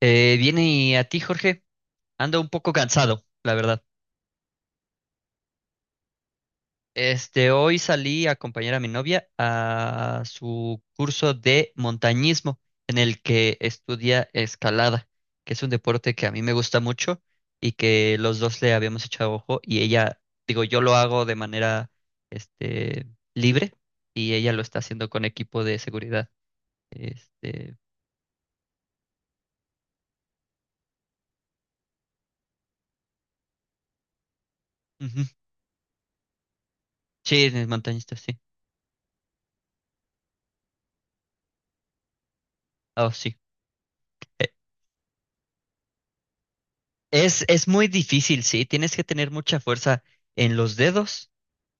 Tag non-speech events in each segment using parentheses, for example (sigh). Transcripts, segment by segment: Viene y a ti, Jorge. Ando un poco cansado, la verdad. Hoy salí a acompañar a mi novia a su curso de montañismo, en el que estudia escalada, que es un deporte que a mí me gusta mucho y que los dos le habíamos echado ojo. Y ella, digo, yo lo hago de manera, este, libre, y ella lo está haciendo con equipo de seguridad. Este, Ujú. Sí, es montañista, sí. Oh, sí. Es muy difícil, sí. Tienes que tener mucha fuerza en los dedos,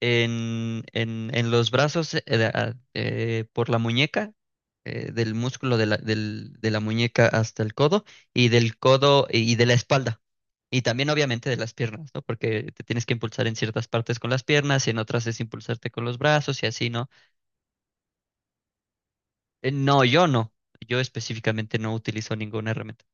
en los brazos, por la muñeca, del músculo de la muñeca hasta el codo, y del codo y de la espalda. Y también obviamente de las piernas, ¿no? Porque te tienes que impulsar en ciertas partes con las piernas y en otras es impulsarte con los brazos y así, ¿no? No, yo no. Yo específicamente no utilizo ninguna herramienta.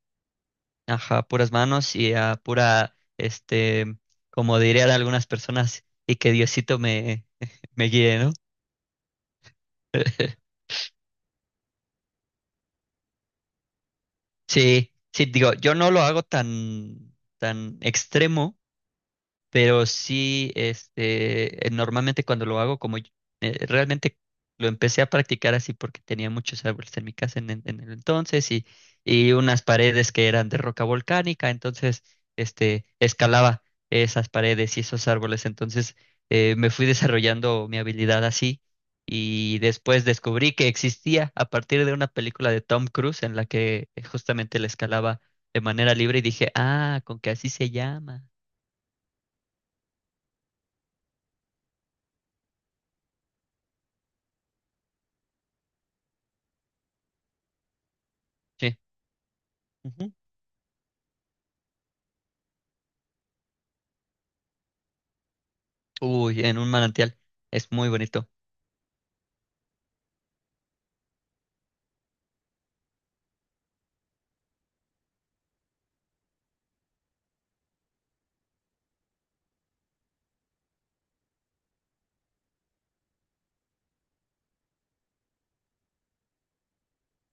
Ajá, puras manos y a pura, como dirían algunas personas, y que Diosito me, (laughs) me guíe, ¿no? Sí, sí, digo, yo no lo hago tan, tan extremo. Pero sí, normalmente cuando lo hago, realmente lo empecé a practicar así porque tenía muchos árboles en mi casa en el entonces, y unas paredes que eran de roca volcánica. Entonces escalaba esas paredes y esos árboles. Entonces me fui desarrollando mi habilidad así, y después descubrí que existía a partir de una película de Tom Cruise en la que justamente le escalaba de manera libre, y dije, ah, con que así se llama. Sí. Uy, en un manantial. Es muy bonito.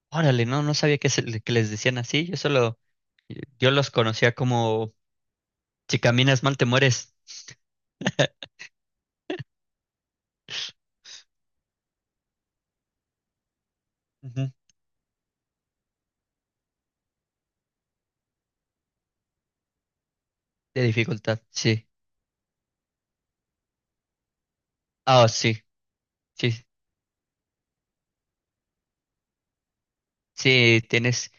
Órale, no, no sabía que, que les decían así. Yo solo, yo los conocía como si caminas mal te mueres. Ujú. De dificultad, sí. Ah, sí, sí, sí, tienes,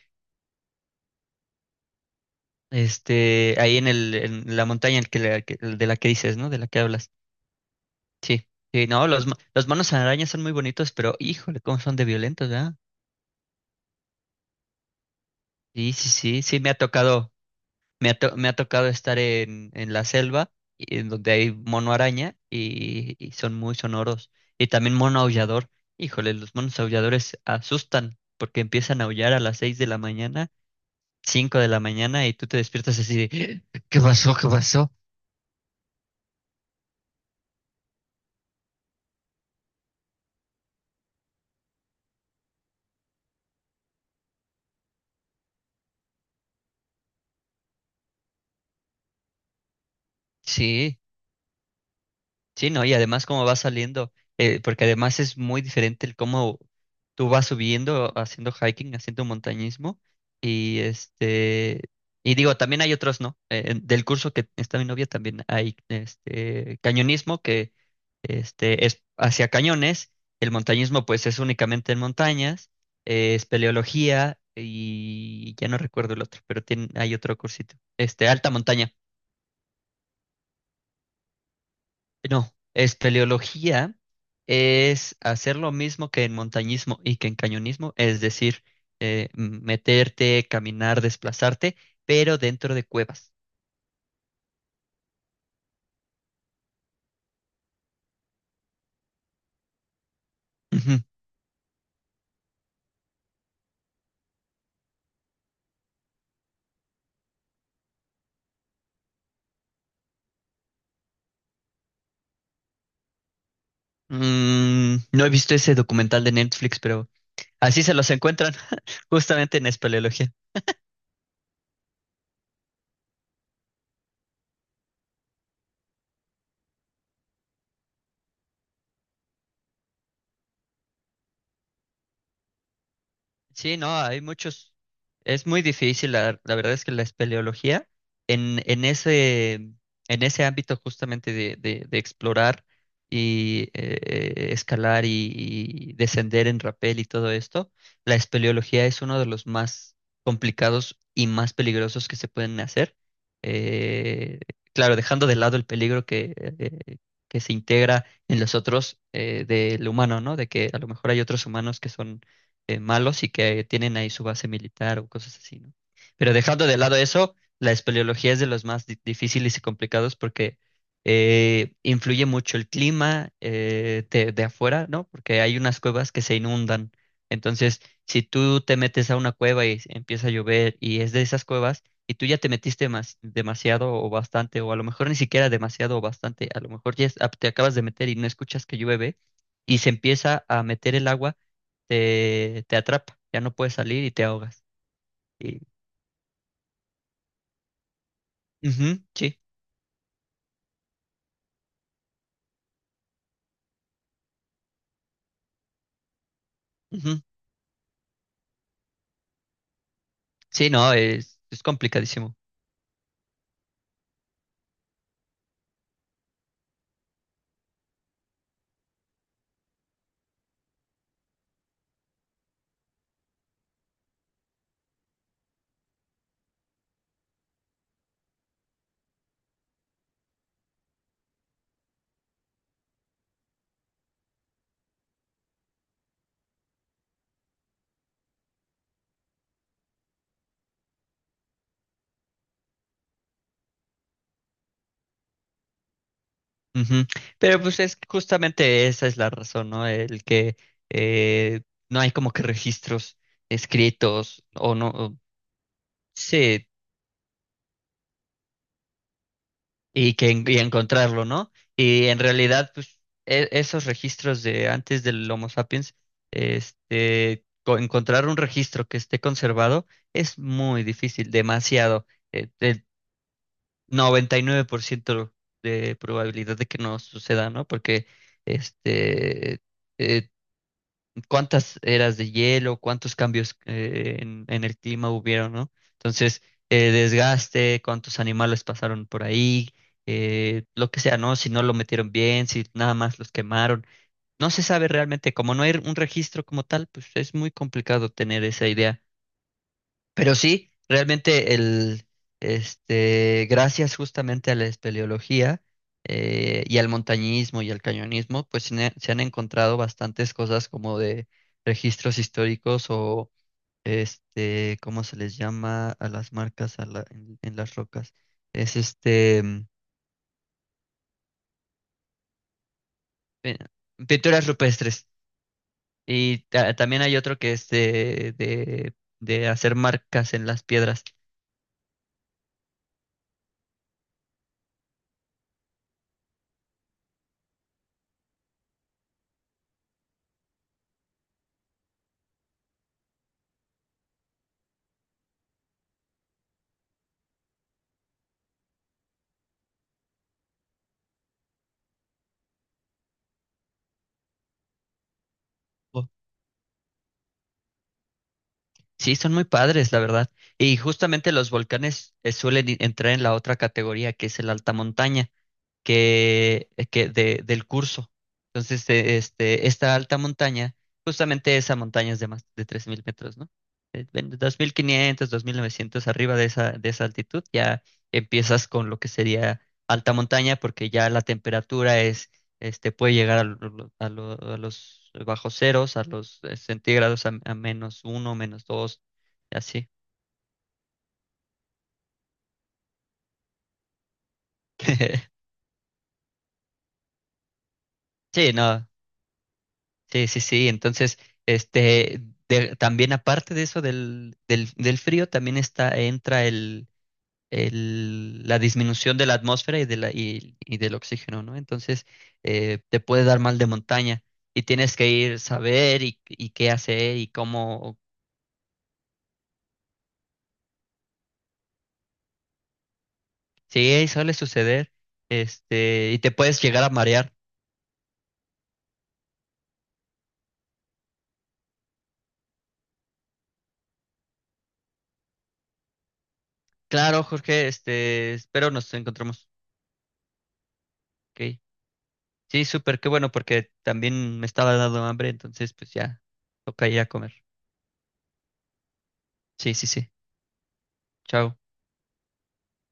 ahí en el, en la montaña el que, el de la que dices, ¿no? De la que hablas. Sí, sí, no, los, los monos arañas son muy bonitos, pero híjole, cómo son de violentos, ¿verdad? Sí, sí, sí, sí, me ha tocado. Me ha tocado estar en la selva, en donde hay mono araña, y son muy sonoros. Y también mono aullador. Híjole, los monos aulladores asustan porque empiezan a aullar a las 6 de la mañana, 5 de la mañana, y tú te despiertas así de, (gasps) ¿qué pasó? ¿Qué pasó? Sí. Sí, ¿no? Y además cómo va saliendo, porque además es muy diferente el cómo tú vas subiendo, haciendo hiking, haciendo montañismo. Y este, y digo, también hay otros, ¿no? Del curso que está mi novia también hay este cañonismo, que es hacia cañones. El montañismo pues es únicamente en montañas, es espeleología, y ya no recuerdo el otro, pero tiene, hay otro cursito, alta montaña. No, espeleología es hacer lo mismo que en montañismo y que en cañonismo, es decir, meterte, caminar, desplazarte, pero dentro de cuevas. Ujú. Mm, no he visto ese documental de Netflix, pero así se los encuentran (laughs) justamente en espeleología. Sí, no, hay muchos. Es muy difícil, la verdad es que la espeleología en ese ámbito justamente de explorar y escalar y descender en rapel y todo esto, la espeleología es uno de los más complicados y más peligrosos que se pueden hacer. Eh, claro, dejando de lado el peligro que se integra en los otros del humano, ¿no? De que a lo mejor hay otros humanos que son malos y que tienen ahí su base militar o cosas así, ¿no? Pero dejando de lado eso, la espeleología es de los más difíciles y complicados porque influye mucho el clima de afuera, ¿no? Porque hay unas cuevas que se inundan. Entonces, si tú te metes a una cueva y empieza a llover y es de esas cuevas y tú ya te metiste demasiado o bastante, o a lo mejor ni siquiera demasiado o bastante, a lo mejor ya ah, te acabas de meter y no escuchas que llueve y se empieza a meter el agua, te atrapa, ya no puedes salir y te ahogas. Y, ujú, sí, ujú. Sí, no, es complicadísimo. Ujú. Pero pues es que justamente esa es la razón, ¿no? El que eh, no hay como que registros escritos o no, o- sí, y que y encontrarlo, ¿no? Y en realidad, pues esos registros de antes del Homo sapiens, encontrar un registro que esté conservado es muy difícil, demasiado, eh, de, 99% de probabilidad de que no suceda, ¿no? Porque, este, eh, cuántas eras de hielo, cuántos cambios en el clima hubieron, ¿no? Entonces, desgaste, cuántos animales pasaron por ahí, lo que sea, ¿no? Si no lo metieron bien, si nada más los quemaron. No se sabe realmente, como no hay un registro como tal, pues es muy complicado tener esa idea. Pero sí, realmente el, gracias justamente a la espeleología y al montañismo y al cañonismo, pues se han encontrado bastantes cosas como de registros históricos o ¿cómo se les llama a las marcas en las rocas? Es este, mm, pe- pinturas rupestres. Y también hay otro que es de hacer marcas en las piedras. Sí, son muy padres, la verdad. Y justamente los volcanes suelen entrar en la otra categoría, que es el alta montaña del curso. Entonces, esta alta montaña, justamente esa montaña es de más de 3000 metros, ¿no? 2500, 2900. Arriba de esa altitud, ya empiezas con lo que sería alta montaña, porque ya la temperatura es, puede llegar a los bajos ceros, a los centígrados, a menos uno, menos dos, y así. (laughs) Sí, no. Sí, sí, sí. Entonces, este, también aparte de eso del frío, también está, entra la disminución de la atmósfera y, y del oxígeno, ¿no? Entonces, te puede dar mal de montaña, y tienes que ir saber y qué hacer y cómo. Sí, suele suceder. Y te puedes llegar a marear. Claro, Jorge, espero nos encontremos. Ok. Sí, súper, qué bueno, porque también me estaba dando hambre, entonces pues ya, toca ir a comer. Sí, sí, sí. Chao.